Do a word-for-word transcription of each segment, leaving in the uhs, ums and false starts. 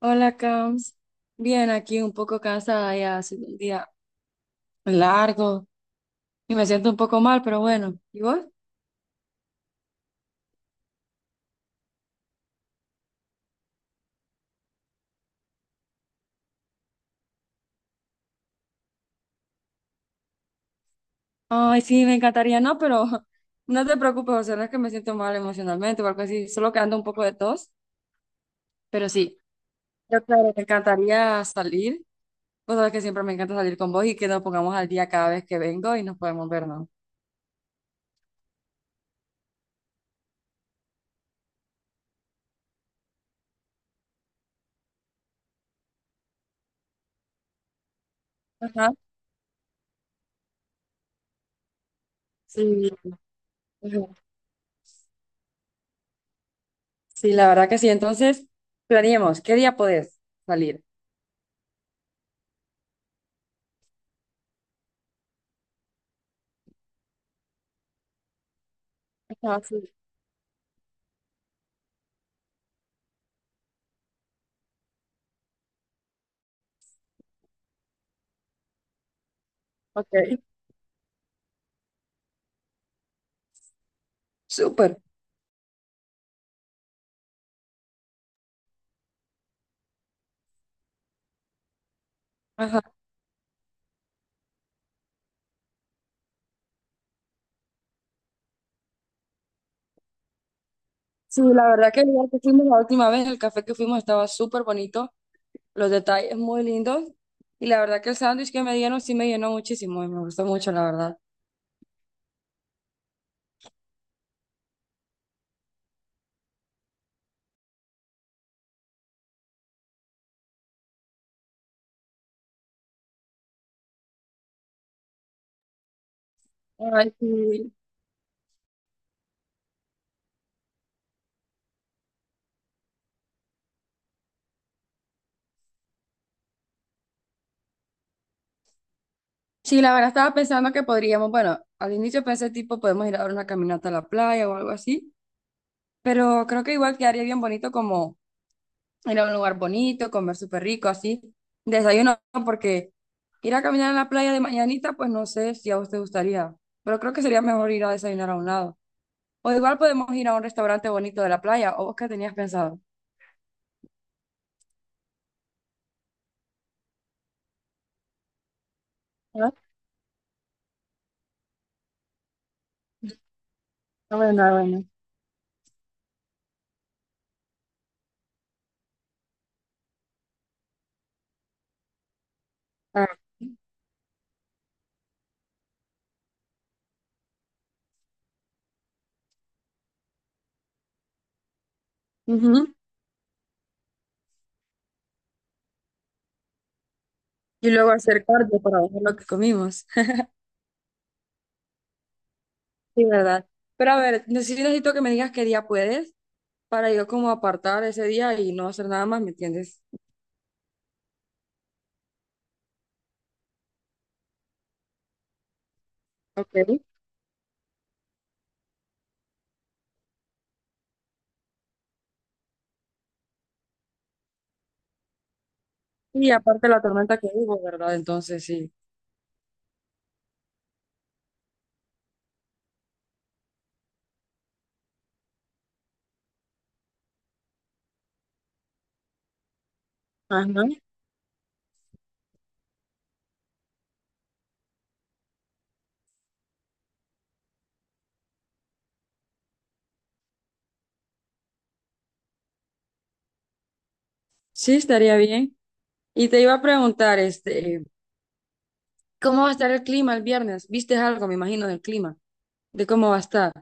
Hola, Cams. Bien, aquí un poco cansada ya, ha sido un día largo y me siento un poco mal, pero bueno. ¿Y vos? Ay, sí, me encantaría, no, pero no te preocupes, o sea, no es que me siento mal emocionalmente o algo así, solo que ando un poco de tos, pero sí. Yo, claro, me encantaría salir. Vos sabés que siempre me encanta salir con vos y que nos pongamos al día cada vez que vengo y nos podemos ver, ¿no? Ajá. Sí, ajá. Sí, la verdad que sí. Entonces, planeemos, ¿qué día podés salir? Ajá, sí. Ok. Súper. Ajá. Sí, la verdad que el lugar que fuimos la última vez, el café que fuimos estaba súper bonito, los detalles muy lindos y la verdad que el sándwich que me dieron sí me llenó muchísimo y me gustó mucho, la verdad. Ay, sí. Sí, la verdad estaba pensando que podríamos, bueno, al inicio pensé tipo podemos ir a dar una caminata a la playa o algo así, pero creo que igual quedaría bien bonito como ir a un lugar bonito, comer súper rico, así, desayuno, porque ir a caminar a la playa de mañanita, pues no sé si a vos te gustaría, pero creo que sería mejor ir a desayunar a un lado. O igual podemos ir a un restaurante bonito de la playa, o vos qué tenías pensado. Ah, ah, bueno, ah, bueno. Ah, ujú. Y luego hacer cardio para ver lo que comimos. Sí, ¿verdad? Pero a ver, neces- necesito que me digas qué día puedes para yo como apartar ese día y no hacer nada más, ¿me entiendes? Ok. Y aparte la tormenta que hubo, ¿verdad? Entonces sí. Ajá. Sí, estaría bien. Y te iba a preguntar, este, ¿cómo va a estar el clima el viernes? ¿Viste algo, me imagino, del clima? De cómo va a estar.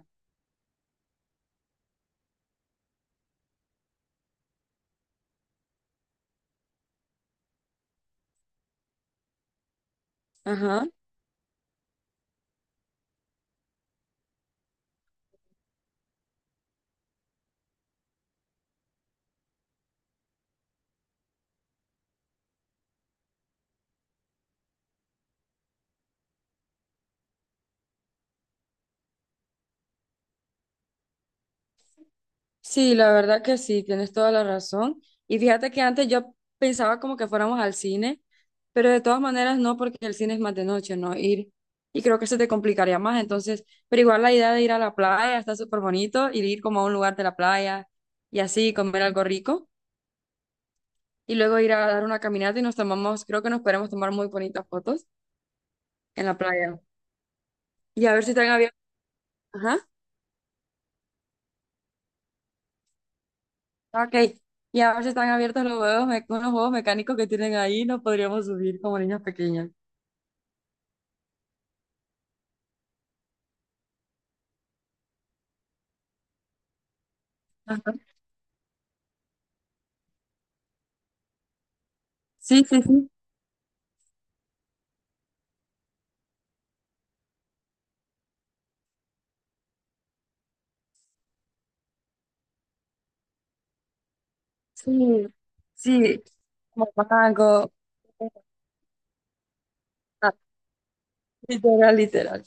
Ajá. Sí, la verdad que sí, tienes toda la razón. Y fíjate que antes yo pensaba como que fuéramos al cine, pero de todas maneras no, porque el cine es más de noche, ¿no? Ir. Y creo que se te complicaría más. Entonces, pero igual la idea de ir a la playa está súper bonito, ir, ir como a un lugar de la playa y así comer algo rico. Y luego ir a dar una caminata y nos tomamos, creo que nos podemos tomar muy bonitas fotos en la playa. Y a ver si están abiertos. Ajá, ok. Y a ver si están abiertos los juegos, me- unos juegos mecánicos que tienen ahí, nos podríamos subir como niños pequeños. Ajá. Sí, sí, sí, sí, sí, como mago, ah, literal, literal.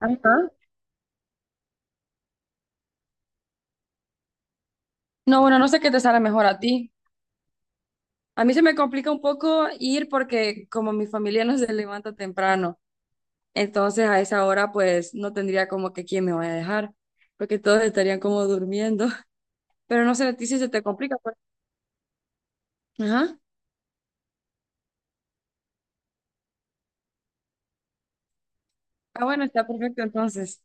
Ajá. No, bueno, no sé qué te sale mejor a ti. A mí se me complica un poco ir porque como mi familia no se levanta temprano, entonces a esa hora pues no tendría como que quién me vaya a dejar, porque todos estarían como durmiendo. Pero no sé, a ti si se te complica, pues. Ajá. Ah, bueno, está perfecto entonces.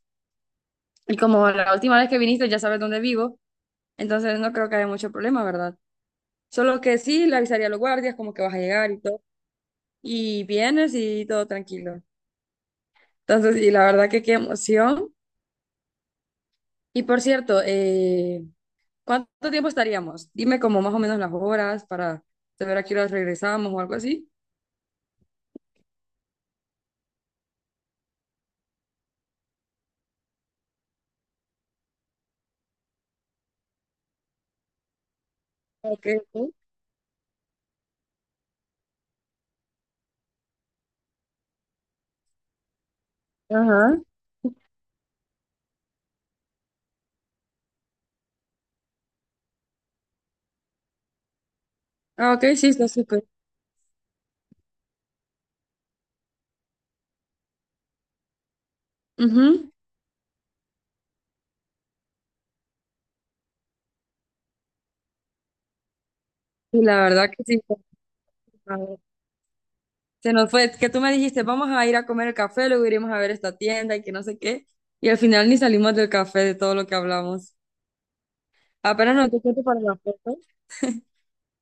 Y como la última vez que viniste ya sabes dónde vivo, entonces no creo que haya mucho problema, ¿verdad? Solo que sí, le avisaría a los guardias como que vas a llegar y todo. Y vienes y todo tranquilo. Entonces, y la verdad que qué emoción. Y por cierto, eh, ¿cuánto tiempo estaríamos? Dime como más o menos las horas para saber a qué hora regresamos o algo así. Ok, ok. Ajá. Ah, ok, sí, está súper. Ujú. Y la verdad que sí. Está súper. Se nos fue, que tú me dijiste, vamos a ir a comer el café, luego iremos a ver esta tienda y que no sé qué. Y al final ni salimos del café de todo lo que hablamos. Apenas nos dio tiempo para la foto.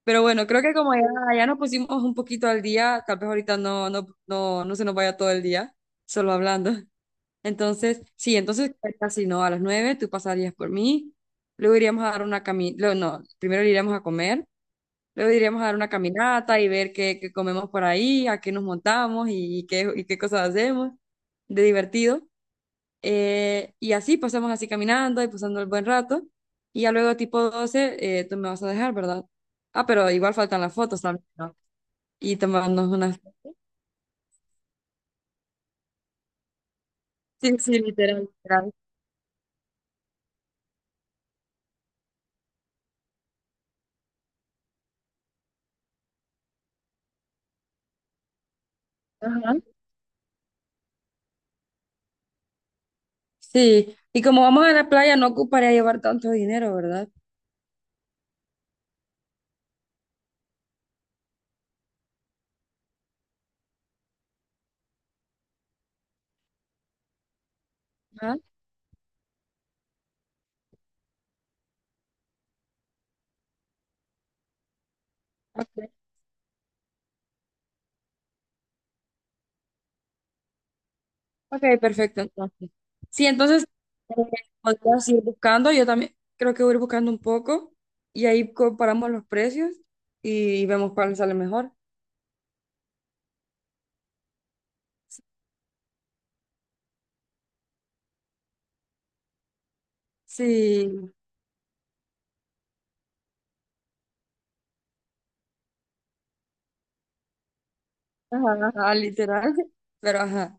Pero bueno, creo que como ya, ya nos pusimos un poquito al día, tal vez ahorita no, no, no, no se nos vaya todo el día solo hablando. Entonces, sí, entonces casi no, a las nueve tú pasarías por mí, luego iríamos a dar una caminata, no, primero iríamos a comer, luego iríamos a dar una caminata y ver qué, qué comemos por ahí, a qué nos montamos y, qué, y qué cosas hacemos de divertido. Eh, y así pasamos así caminando y pasando el buen rato. Y ya luego tipo doce eh, tú me vas a dejar, ¿verdad? Ah, pero igual faltan las fotos también, ¿no? Y tomarnos unas... Sí, sí, literal, literal. Ajá. Sí, y como vamos a la playa, no ocuparía llevar tanto dinero, ¿verdad? Ajá. Okay. Ok, perfecto, entonces. Sí, entonces, eh, podrías ir buscando, yo también creo que voy a ir buscando un poco y ahí comparamos los precios y vemos cuál sale mejor. Sí. Ajá, ajá, literal. Pero ajá.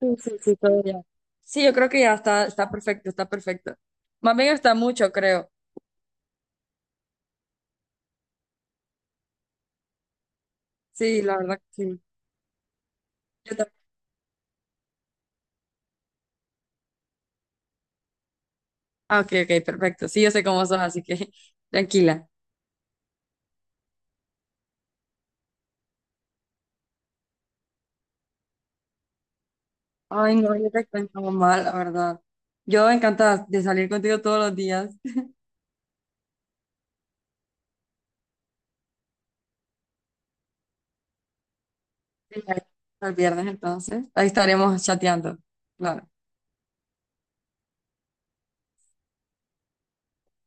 Sí, sí, sí, todo ya. Sí, yo creo que ya está, está perfecto, está perfecto. Más bien está mucho, creo. Sí, la verdad que sí. Yo tam- ah, ok, ok, perfecto. Sí, yo sé cómo sos, así que tranquila. Ay, no, yo te cuento mal, la verdad. Yo encantada de salir contigo todos los días. Hasta el viernes, entonces. Ahí estaremos chateando. Claro.